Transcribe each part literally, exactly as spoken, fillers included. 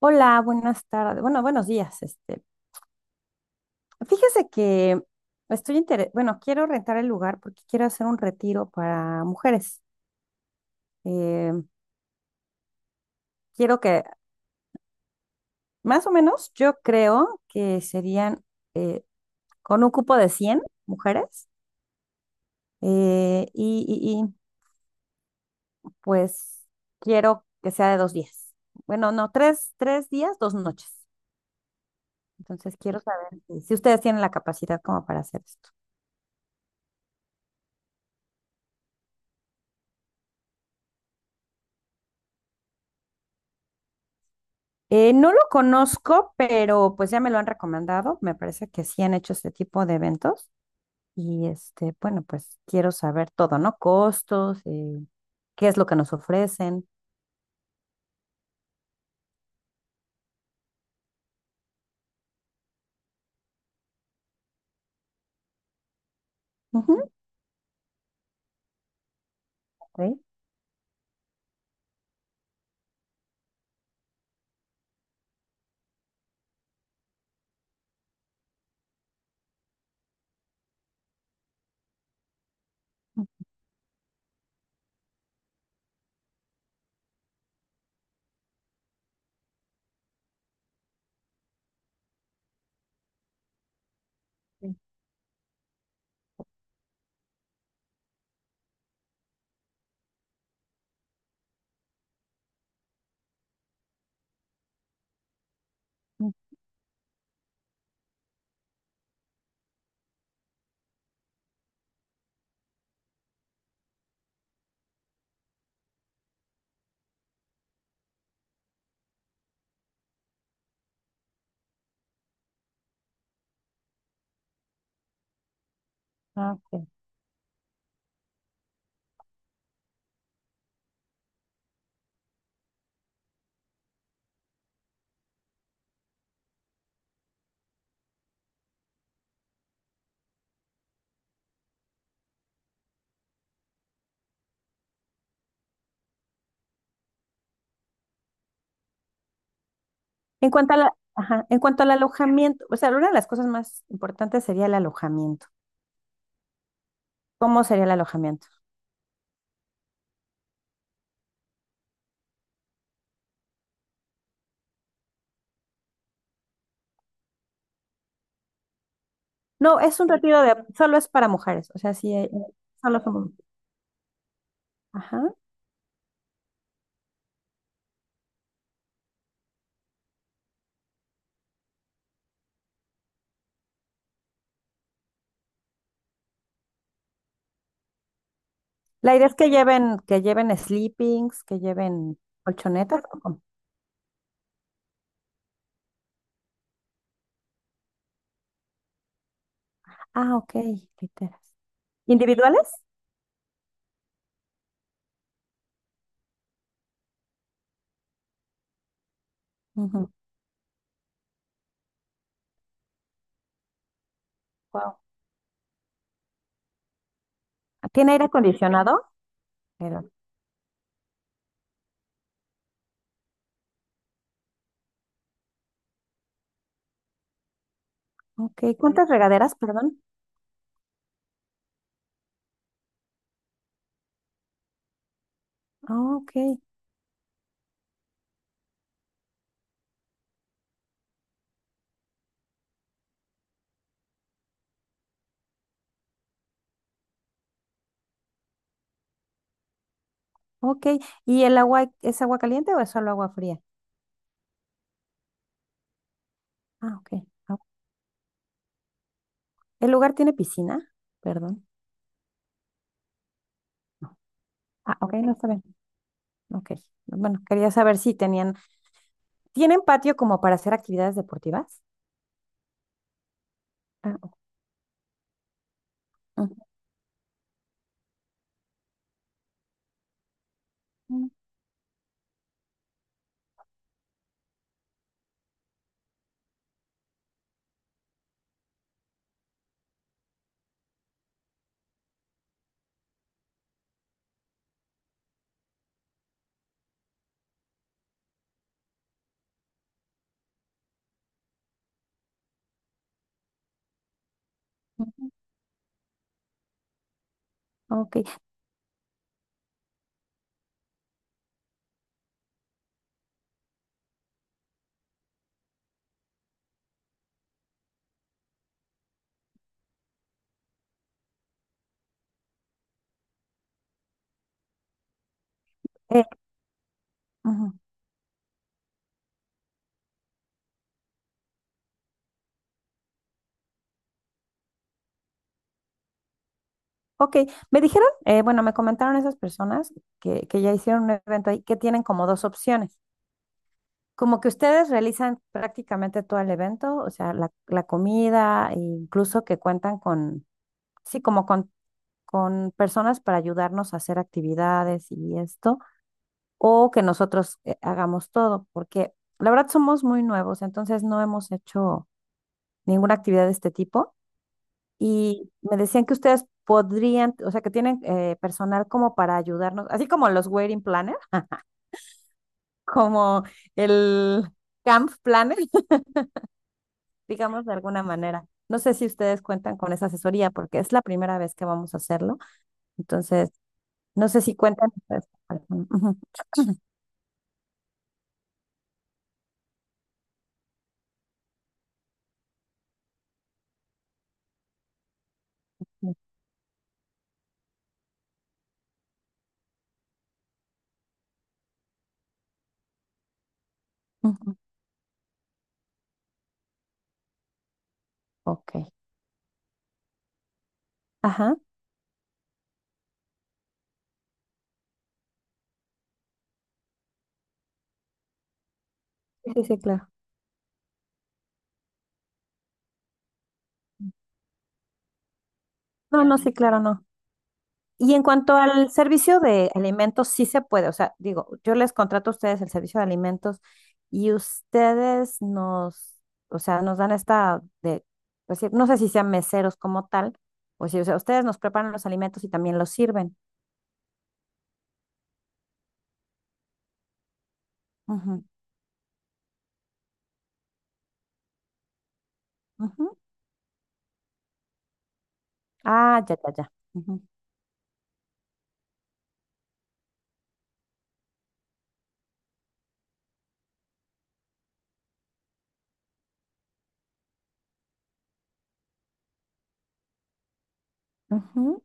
Hola, buenas tardes. Bueno, buenos días. Este, fíjese que estoy inter... bueno, quiero rentar el lugar porque quiero hacer un retiro para mujeres. Eh, quiero que, más o menos, yo creo que serían con un cupo de cien mujeres, eh, y, y- y, pues quiero que sea de dos días. Bueno, no, tres, tres días, dos noches. Entonces quiero saber si si ustedes tienen la capacidad como para hacer esto. Eh, no lo conozco, pero pues ya me lo han recomendado. Me parece que sí han hecho este tipo de eventos. Y este, bueno, pues quiero saber todo, ¿no? Costos, eh, ¿qué es lo que nos ofrecen? Ujú. Ok. Sí. Ah, ok. En cuanto a la- Ajá, en cuanto al alojamiento, o sea, una de las cosas más importantes sería el alojamiento. ¿Cómo sería el alojamiento? No, es un retiro de, solo es para mujeres, o sea, sí, eh, solo somos. Ajá. La idea es que lleven, que lleven sleepings, que lleven colchonetas. Ah, ok, literas. ¿Individuales? Wow. ¿Tiene aire acondicionado? Pero, ok, ¿cuántas regaderas, perdón? Ah, ok, ok. ¿Y el agua es agua caliente o es solo agua fría? Ah, ok. Ah, ¿el lugar tiene piscina? Perdón. No. Ah, ok, no está bien. Ok. Bueno, quería saber si tenían, ¿tienen patio como para hacer actividades deportivas? Ah, ujú, ujú, ok. Eh, ujú. Ok, me dijeron, eh, bueno, me comentaron esas personas que, que ya hicieron un evento ahí, que tienen como dos opciones, como que ustedes realizan prácticamente todo el evento, o sea, la, la comida, e incluso que cuentan con, sí, como con, con personas para ayudarnos a hacer actividades y esto, o que nosotros eh, hagamos todo, porque la verdad somos muy nuevos, entonces no hemos hecho ninguna actividad de este tipo. Y me decían que ustedes podrían, o sea, que tienen eh, personal como para ayudarnos, así como los wedding planner, como el camp planner, digamos de alguna manera. No sé si ustedes cuentan con esa asesoría porque es la primera vez que vamos a hacerlo. Entonces, no sé si cuentan ustedes. Con alguno. Ujú, ujú. Ok. Ajá. Sí, sí, sí, claro. No, no, sí, claro, no. Y en cuanto al servicio de alimentos, sí se puede. O sea, digo, yo les contrato a ustedes el servicio de alimentos y ustedes nos, o sea, nos dan esta de, pues, sí, no sé si sean meseros como tal, o si, o sea, ustedes nos preparan los alimentos y también los sirven. Ujú, ujú. Ah, ya, ya, ya. Ujú, ujú,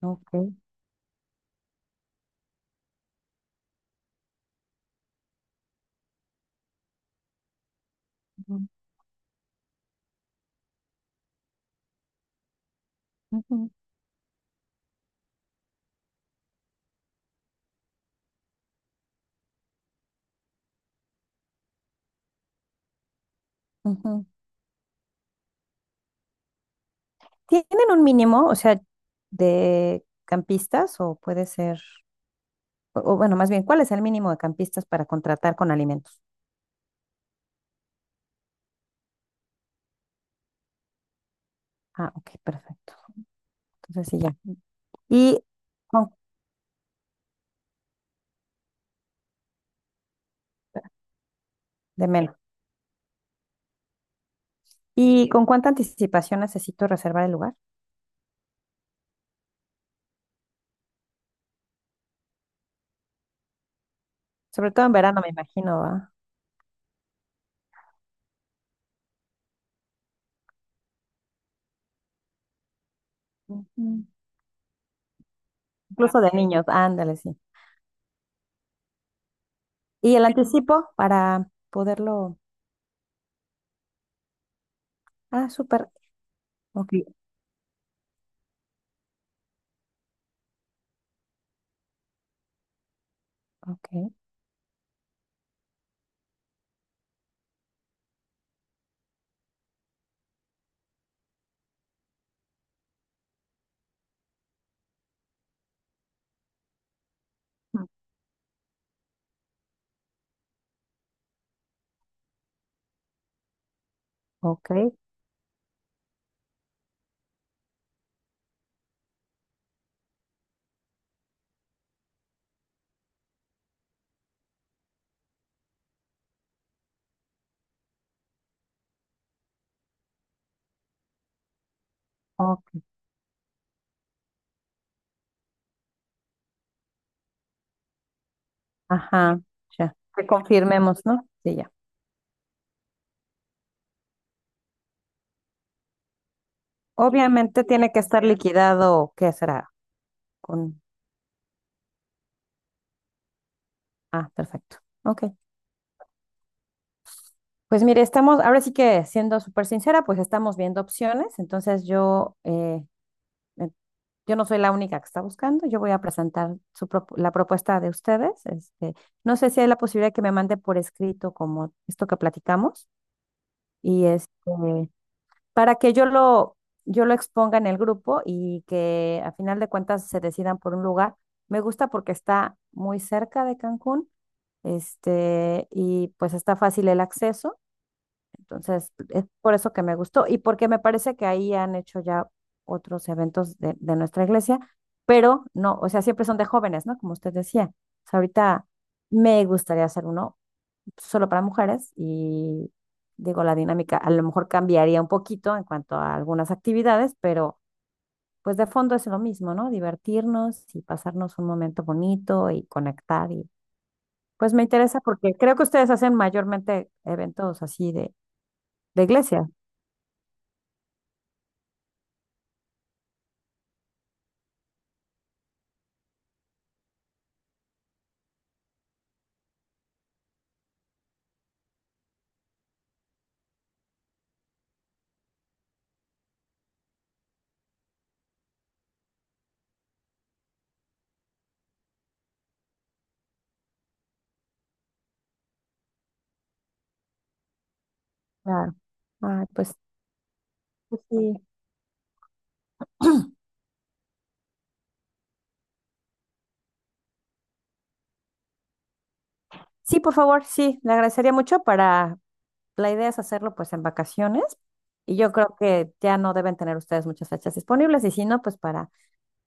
ok, ujú, ujú, ujú. ¿Tienen un mínimo, o sea, de campistas o puede ser, o o bueno, más bien, ¿cuál es el mínimo de campistas para contratar con alimentos? Ah, ok, perfecto. Entonces sí, ya. Y, oh, de menos. ¿Y con cuánta anticipación necesito reservar el lugar? Sobre todo en verano, me imagino, ¿va? Ujú. Incluso de niños, ándale, sí. ¿Y el anticipo para poderlo? Ah, súper. Ok, ok, ok, ok. Ajá, ya. Que confirmemos, ¿no? Sí, ya. Obviamente tiene que estar liquidado, ¿qué será? Con... Ah, perfecto. Ok. Pues mire, estamos, ahora sí que siendo súper sincera, pues estamos viendo opciones. Entonces yo, eh, eh, yo no soy la única que está buscando. Yo voy a presentar su prop- la propuesta de ustedes. Este, no sé si hay la posibilidad que me mande por escrito como esto que platicamos y este, para que yo lo, yo lo exponga en el grupo y que a final de cuentas se decidan por un lugar. Me gusta porque está muy cerca de Cancún, este, y pues está fácil el acceso. Entonces, es por eso que me gustó y porque me parece que ahí han hecho ya otros eventos de, de nuestra iglesia, pero no, o sea, siempre son de jóvenes, ¿no? Como usted decía. O sea, ahorita me gustaría hacer uno solo para mujeres y digo, la dinámica a lo mejor cambiaría un poquito en cuanto a algunas actividades, pero pues de fondo es lo mismo, ¿no? Divertirnos y pasarnos un momento bonito y conectar y pues me interesa porque creo que ustedes hacen mayormente eventos así de, de iglesia. Claro. Ah, pues pues sí. Sí, por favor, sí, le agradecería mucho para, la idea es hacerlo pues en vacaciones y yo creo que ya no deben tener ustedes muchas fechas disponibles y si no, pues para,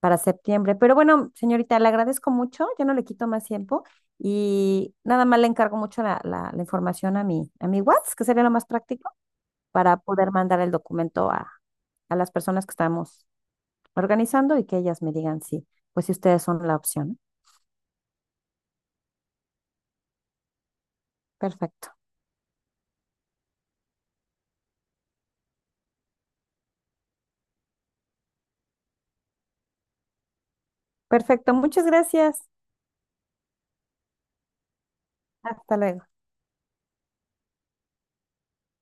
para septiembre. Pero bueno, señorita, le agradezco mucho, ya no le quito más tiempo y nada más le encargo mucho la, la, la información a mi, a mi WhatsApp, que sería lo más práctico, para poder mandar el documento a, a las personas que estamos organizando y que ellas me digan si, pues si ustedes son la opción. Perfecto, perfecto, muchas gracias. Hasta luego.